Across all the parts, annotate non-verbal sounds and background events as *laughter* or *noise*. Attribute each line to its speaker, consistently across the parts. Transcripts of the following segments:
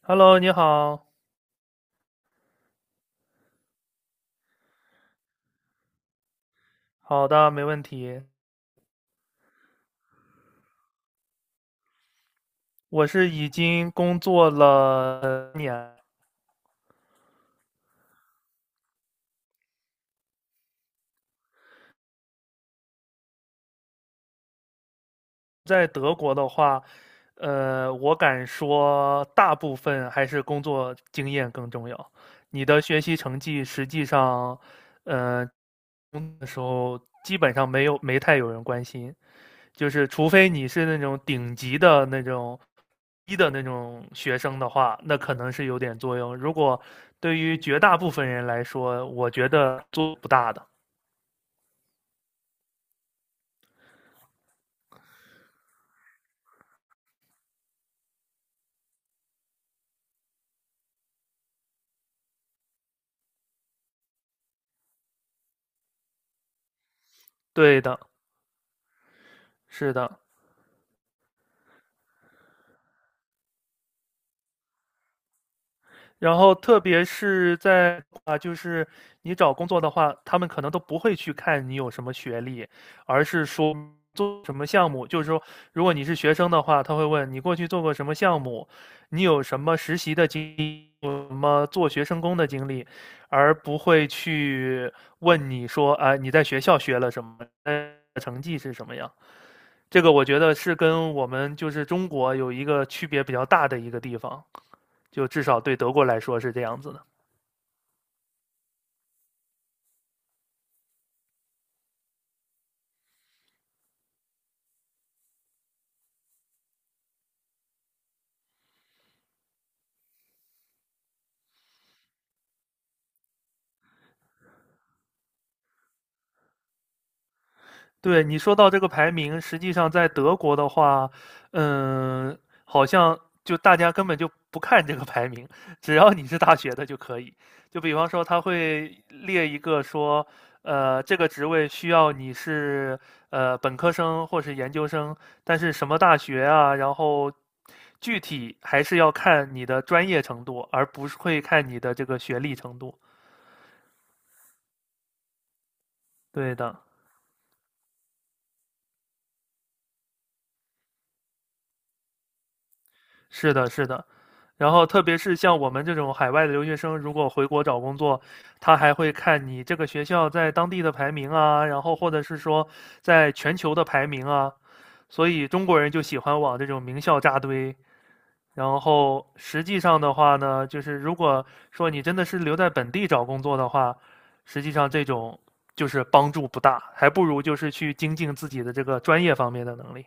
Speaker 1: Hello，你好。好的，没问题。我是已经工作了年，在德国的话，我敢说大部分还是工作经验更重要。你的学习成绩实际上，呃，工作的时候基本上没有，没太有人关心。就是除非你是那种顶级的那种一的那种学生的话，那可能是有点作用。如果对于绝大部分人来说，我觉得作用不大的。对的，是的，然后特别是在啊，就是你找工作的话，他们可能都不会去看你有什么学历，而是说做什么项目。就是说，如果你是学生的话，他会问你过去做过什么项目，你有什么实习的经历，有什么做学生工的经历，而不会去问你说啊，你在学校学了什么，呃成绩是什么样。这个我觉得是跟我们就是中国有一个区别比较大的一个地方，就至少对德国来说是这样子的。对，你说到这个排名，实际上在德国的话，嗯，好像就大家根本就不看这个排名，只要你是大学的就可以。就比方说，他会列一个说，这个职位需要你是本科生或是研究生，但是什么大学啊，然后具体还是要看你的专业程度，而不是会看你的这个学历程度。对的，是的，是的。然后，特别是像我们这种海外的留学生，如果回国找工作，他还会看你这个学校在当地的排名啊，然后或者是说在全球的排名啊。所以中国人就喜欢往这种名校扎堆。然后实际上的话呢，就是如果说你真的是留在本地找工作的话，实际上这种就是帮助不大，还不如就是去精进自己的这个专业方面的能力。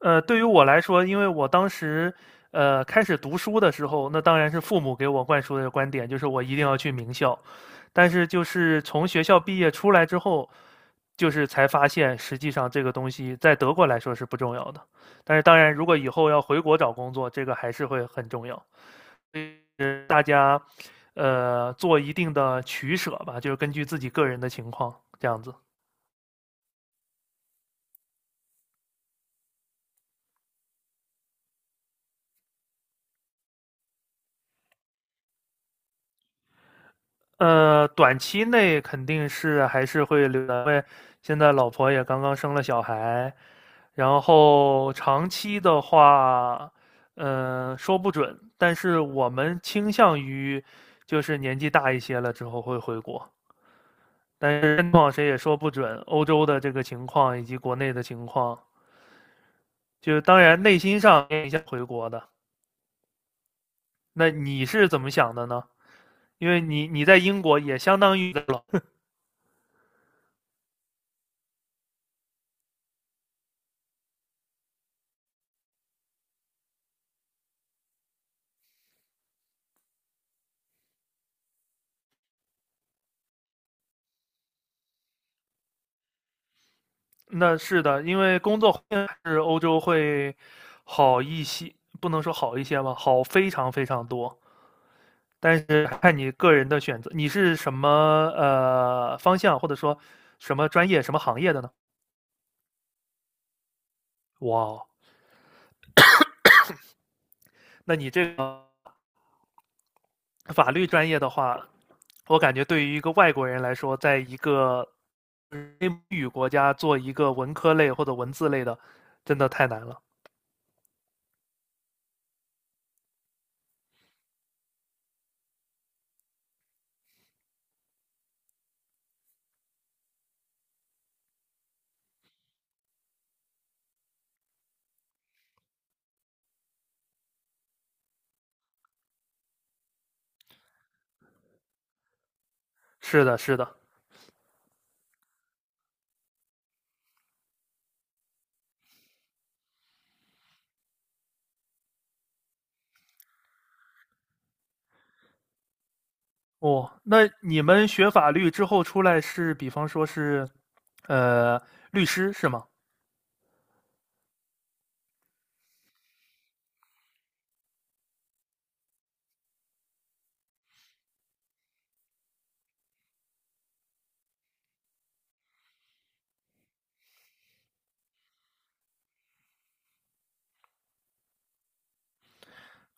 Speaker 1: 呃，对于我来说，因为我当时开始读书的时候，那当然是父母给我灌输的观点，就是我一定要去名校。但是就是从学校毕业出来之后，就是才发现，实际上这个东西在德国来说是不重要的。但是当然，如果以后要回国找工作，这个还是会很重要。所以是大家做一定的取舍吧，就是根据自己个人的情况这样子。呃，短期内肯定是还是会留的，因为现在老婆也刚刚生了小孩，然后长期的话，说不准，但是我们倾向于就是年纪大一些了之后会回国，但是情况谁也说不准，欧洲的这个情况以及国内的情况，就当然内心上也想回国的。那你是怎么想的呢？因为你你在英国也相当于老那是的，因为工作环境是欧洲会好一些，不能说好一些吧，好非常非常多。但是看你个人的选择，你是什么方向，或者说什么专业、什么行业的呢？哇哦，那你这个法律专业的话，我感觉对于一个外国人来说，在一个非母语国家做一个文科类或者文字类的，真的太难了。是的，是的，哦，那你们学法律之后出来是，比方说是，呃，律师是吗？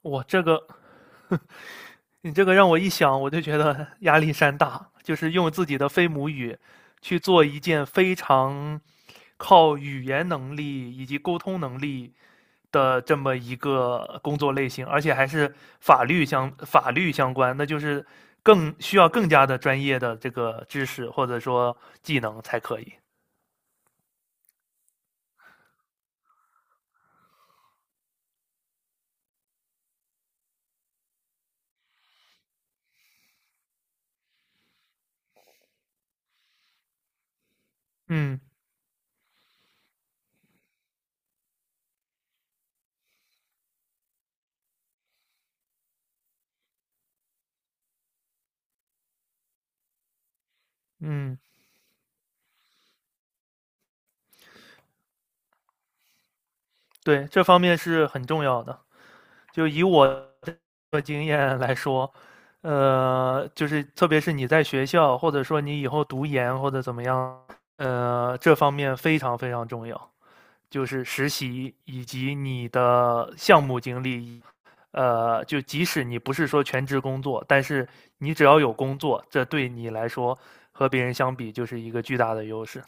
Speaker 1: 我这个，*laughs* 你这个让我一想，我就觉得 *laughs* 压力山大，就是用自己的非母语去做一件非常靠语言能力以及沟通能力的这么一个工作类型，而且还是法律相法律相关，那就是更需要更加的专业的这个知识或者说技能才可以。嗯嗯。对，这方面是很重要的。就以我的经验来说，就是特别是你在学校，或者说你以后读研或者怎么样，这方面非常非常重要，就是实习以及你的项目经历。就即使你不是说全职工作，但是你只要有工作，这对你来说和别人相比就是一个巨大的优势。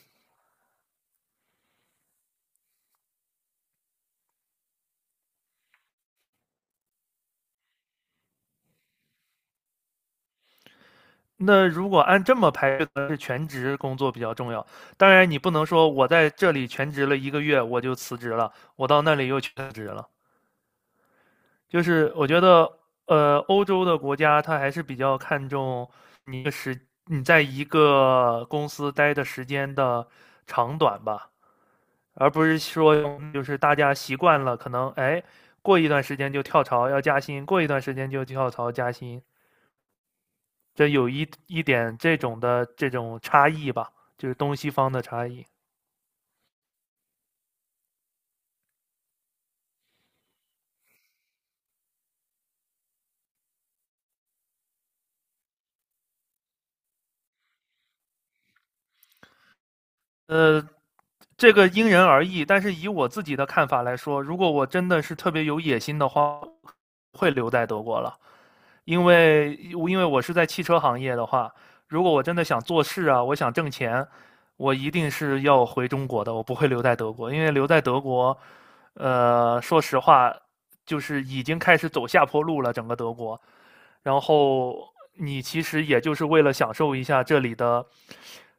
Speaker 1: 那如果按这么排，是全职工作比较重要。当然，你不能说我在这里全职了一个月我就辞职了，我到那里又全职了。就是我觉得，欧洲的国家它还是比较看重你的时你在一个公司待的时间的长短吧，而不是说就是大家习惯了，可能哎过一段时间就跳槽要加薪，过一段时间就跳槽加薪，这有一点这种的这种差异吧，就是东西方的差异。呃，这个因人而异，但是以我自己的看法来说，如果我真的是特别有野心的话，会留在德国了，因为我是在汽车行业的话，如果我真的想做事啊，我想挣钱，我一定是要回中国的，我不会留在德国，因为留在德国，说实话，就是已经开始走下坡路了，整个德国。然后你其实也就是为了享受一下这里的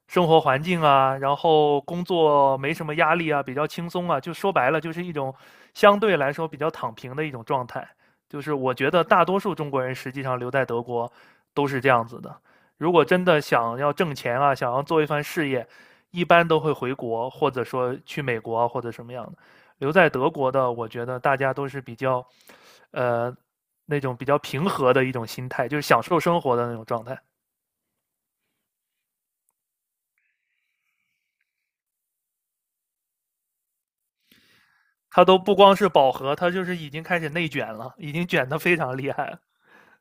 Speaker 1: 生活环境啊，然后工作没什么压力啊，比较轻松啊，就说白了就是一种相对来说比较躺平的一种状态。就是我觉得大多数中国人实际上留在德国都是这样子的。如果真的想要挣钱啊，想要做一番事业，一般都会回国，或者说去美国啊或者什么样的。留在德国的，我觉得大家都是比较，呃，那种比较平和的一种心态，就是享受生活的那种状态。他都不光是饱和，他就是已经开始内卷了，已经卷得非常厉害了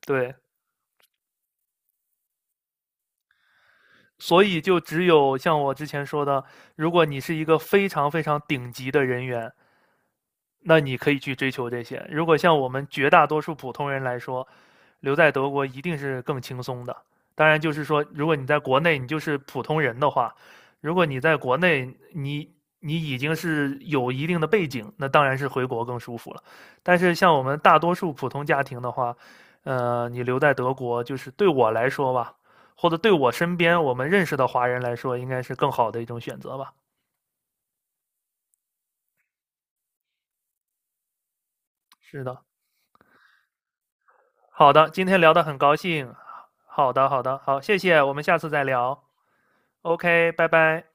Speaker 1: 对，所以就只有像我之前说的，如果你是一个非常非常顶级的人员，那你可以去追求这些。如果像我们绝大多数普通人来说，留在德国一定是更轻松的。当然，就是说，如果你在国内你就是普通人的话，如果你在国内你你已经是有一定的背景，那当然是回国更舒服了。但是像我们大多数普通家庭的话，你留在德国，就是对我来说吧，或者对我身边我们认识的华人来说，应该是更好的一种选择吧。是的，好的，今天聊的很高兴。好的，好的，好，谢谢，我们下次再聊。OK，拜拜。